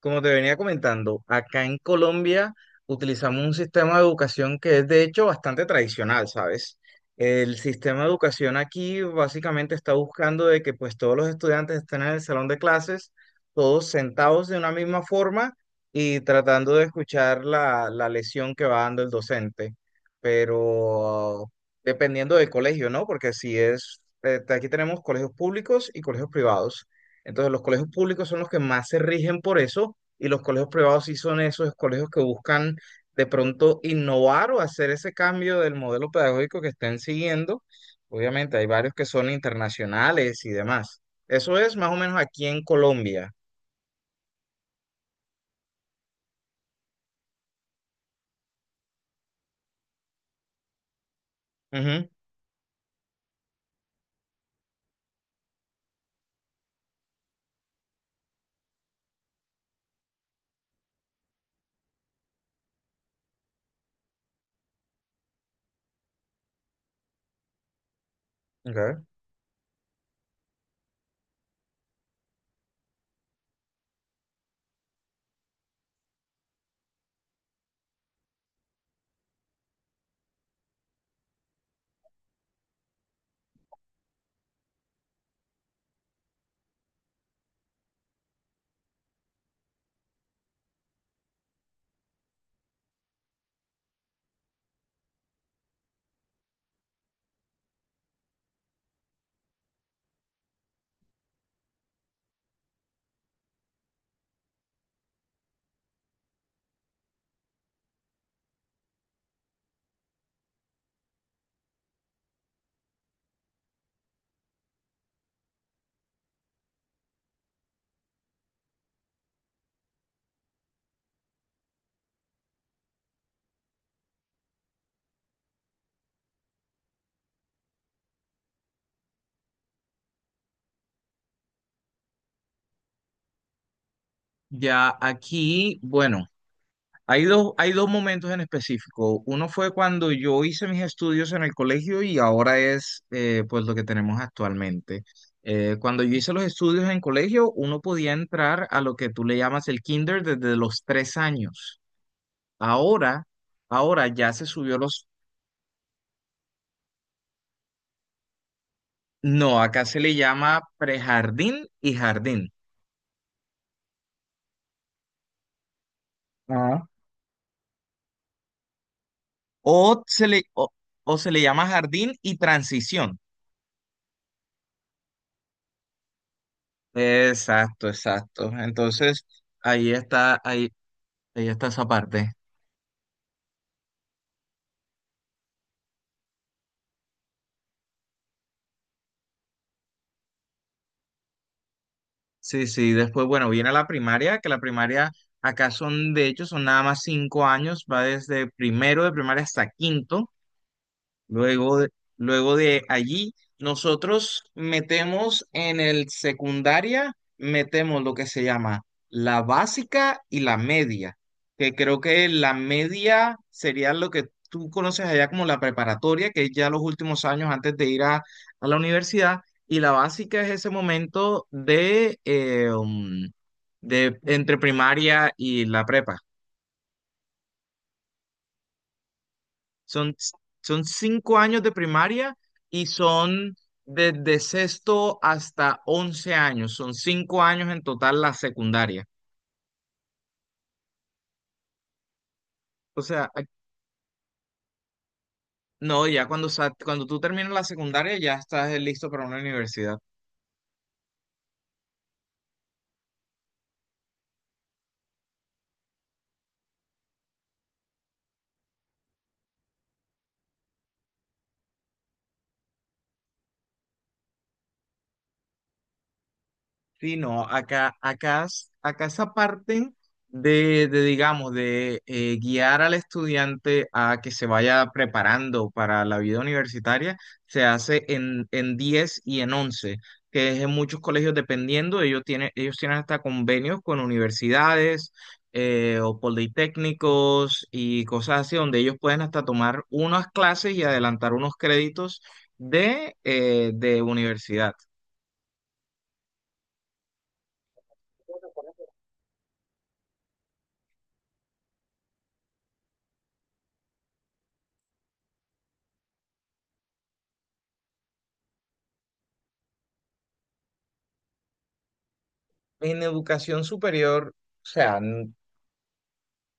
Como te venía comentando, acá en Colombia utilizamos un sistema de educación que es de hecho bastante tradicional, ¿sabes? El sistema de educación aquí básicamente está buscando de que pues todos los estudiantes estén en el salón de clases, todos sentados de una misma forma y tratando de escuchar la lección que va dando el docente. Pero dependiendo del colegio, ¿no? Porque si es, aquí tenemos colegios públicos y colegios privados. Entonces los colegios públicos son los que más se rigen por eso y los colegios privados sí son esos colegios que buscan de pronto innovar o hacer ese cambio del modelo pedagógico que estén siguiendo. Obviamente hay varios que son internacionales y demás. Eso es más o menos aquí en Colombia. Ujú, ok. Ya aquí, bueno. Hay dos momentos en específico. Uno fue cuando yo hice mis estudios en el colegio y ahora es, pues, lo que tenemos actualmente. Cuando yo hice los estudios en colegio, uno podía entrar a lo que tú le llamas el kinder desde los 3 años. Ahora, ahora ya se subió los... No, acá se le llama prejardín y jardín. Ah. O se le, o, o se le llama jardín y transición. Exacto. Entonces, ahí está, ahí, Ahí está esa parte. Sí, después, bueno, viene la primaria, que la primaria acá son, de hecho, son nada más 5 años, va desde primero de primaria hasta quinto. Luego de, luego de allí, nosotros metemos en el secundaria, metemos lo que se llama la básica y la media, que creo que la media sería lo que tú conoces allá como la preparatoria, que es ya los últimos años antes de ir a la universidad, y la básica es ese momento de, de entre primaria y la prepa. Son, son 5 años de primaria y son desde sexto hasta 11 años. Son cinco años en total la secundaria. O sea, no, ya cuando, cuando tú terminas la secundaria ya estás, listo para una universidad. Sí, no, acá esa parte digamos, de guiar al estudiante a que se vaya preparando para la vida universitaria, se hace en 10 y en 11, que es en muchos colegios dependiendo, ellos tienen hasta convenios con universidades, o politécnicos y cosas así, donde ellos pueden hasta tomar unas clases y adelantar unos créditos de universidad. En educación superior, o sea,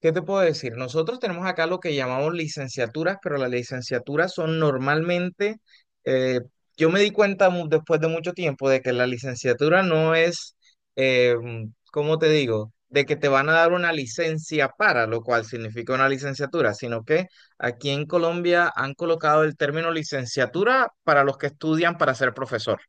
¿qué te puedo decir? Nosotros tenemos acá lo que llamamos licenciaturas, pero las licenciaturas son normalmente, eh, yo me di cuenta, después de mucho tiempo, de que la licenciatura no es, ¿cómo te digo? De que te van a dar una licencia para, lo cual significa una licenciatura, sino que aquí en Colombia han colocado el término licenciatura para los que estudian para ser profesor.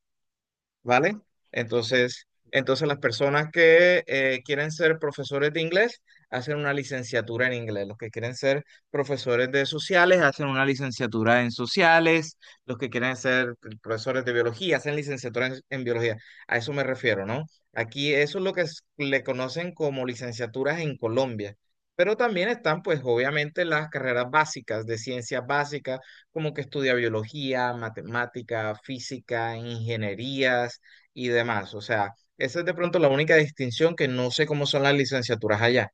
¿Vale? Entonces, entonces las personas que, quieren ser profesores de inglés hacen una licenciatura en inglés. Los que quieren ser profesores de sociales hacen una licenciatura en sociales. Los que quieren ser profesores de biología hacen licenciatura en biología. A eso me refiero, ¿no? Aquí eso es lo que le conocen como licenciaturas en Colombia. Pero también están, pues, obviamente, las carreras básicas de ciencias básicas, como que estudia biología, matemática, física, ingenierías y demás. O sea, esa es de pronto la única distinción, que no sé cómo son las licenciaturas allá.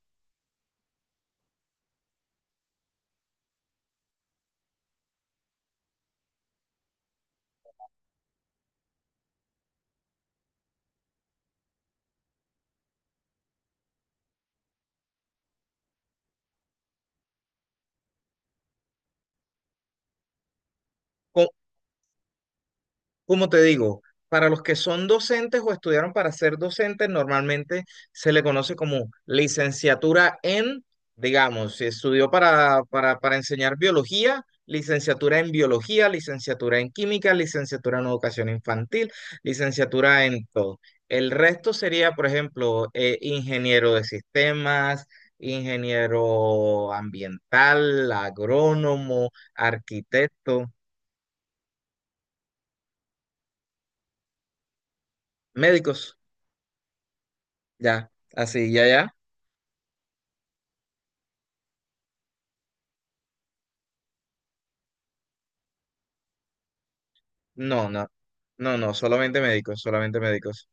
Como te digo, para los que son docentes o estudiaron para ser docentes, normalmente se le conoce como licenciatura en, digamos, si estudió para enseñar biología, licenciatura en química, licenciatura en educación infantil, licenciatura en todo. El resto sería, por ejemplo, ingeniero de sistemas, ingeniero ambiental, agrónomo, arquitecto, médicos, ya, ya. No, no, no, no, solamente médicos, solamente médicos.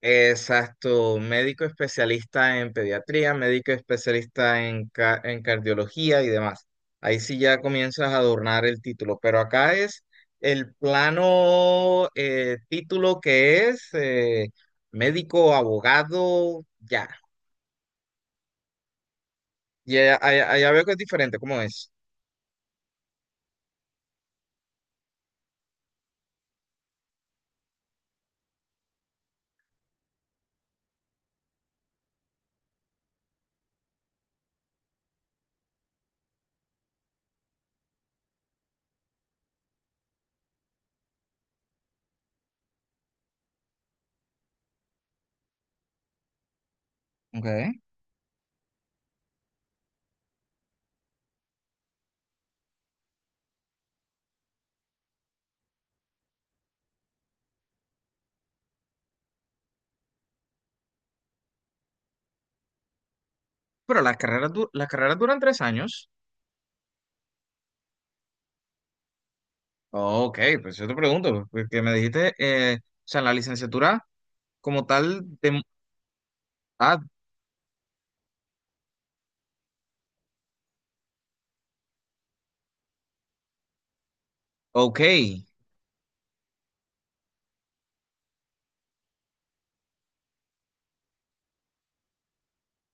Exacto, médico especialista en pediatría, médico especialista en, en cardiología y demás. Ahí sí ya comienzas a adornar el título, pero acá es el plano, título que es, médico, abogado, ya. Y allá, allá veo que es diferente, ¿cómo es? Okay. Pero las carreras, las carreras duran 3 años. Ok, pues yo te pregunto, porque me dijiste, o sea, la licenciatura como tal, de... Ah, ok,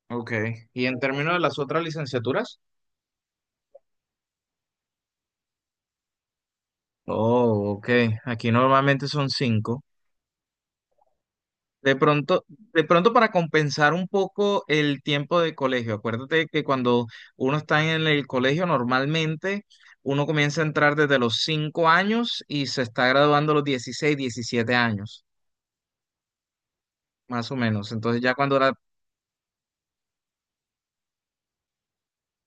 ok. ¿Y en términos de las otras licenciaturas? Oh, ok, aquí normalmente son cinco. De pronto para compensar un poco el tiempo de colegio, acuérdate que cuando uno está en el colegio normalmente uno comienza a entrar desde los 5 años y se está graduando a los 16, 17 años, más o menos. Entonces ya cuando la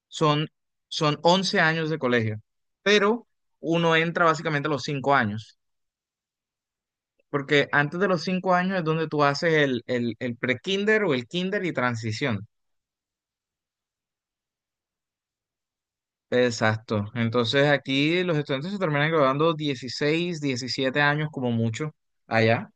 Son, son 11 años de colegio, pero uno entra básicamente a los 5 años, porque antes de los 5 años es donde tú haces el pre-kinder o el kinder y transición. Exacto. Entonces aquí los estudiantes se terminan graduando 16 17 años como mucho allá.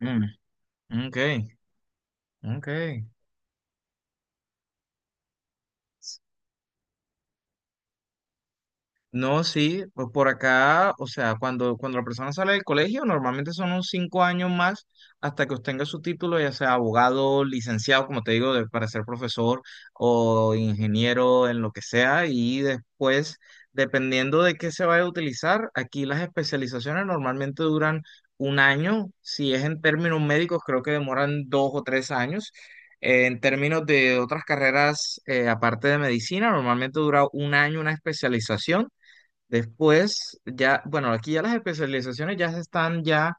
Mm, ok, ok. No, sí, pues por acá, o sea, cuando la persona sale del colegio, normalmente son unos 5 años más hasta que obtenga su título, ya sea abogado, licenciado, como te digo, para ser profesor o ingeniero en lo que sea, y después, dependiendo de qué se vaya a utilizar, aquí las especializaciones normalmente duran un año; si es en términos médicos, creo que demoran 2 o 3 años. En términos de otras carreras, aparte de medicina, normalmente dura un año una especialización. Después, ya, bueno, aquí ya las especializaciones ya se están, ya,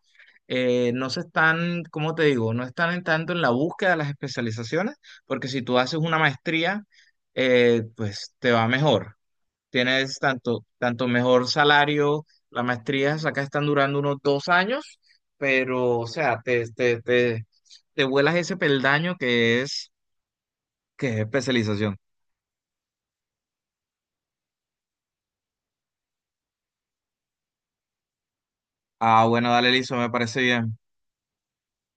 eh, no se están, ¿cómo te digo? No están en tanto en la búsqueda de las especializaciones, porque si tú haces una maestría, pues te va mejor. Tienes tanto, tanto mejor salario, la maestría acá están durando unos 2 años, pero, o sea, te vuelas ese peldaño que es especialización. Ah, bueno, dale, listo, me parece bien.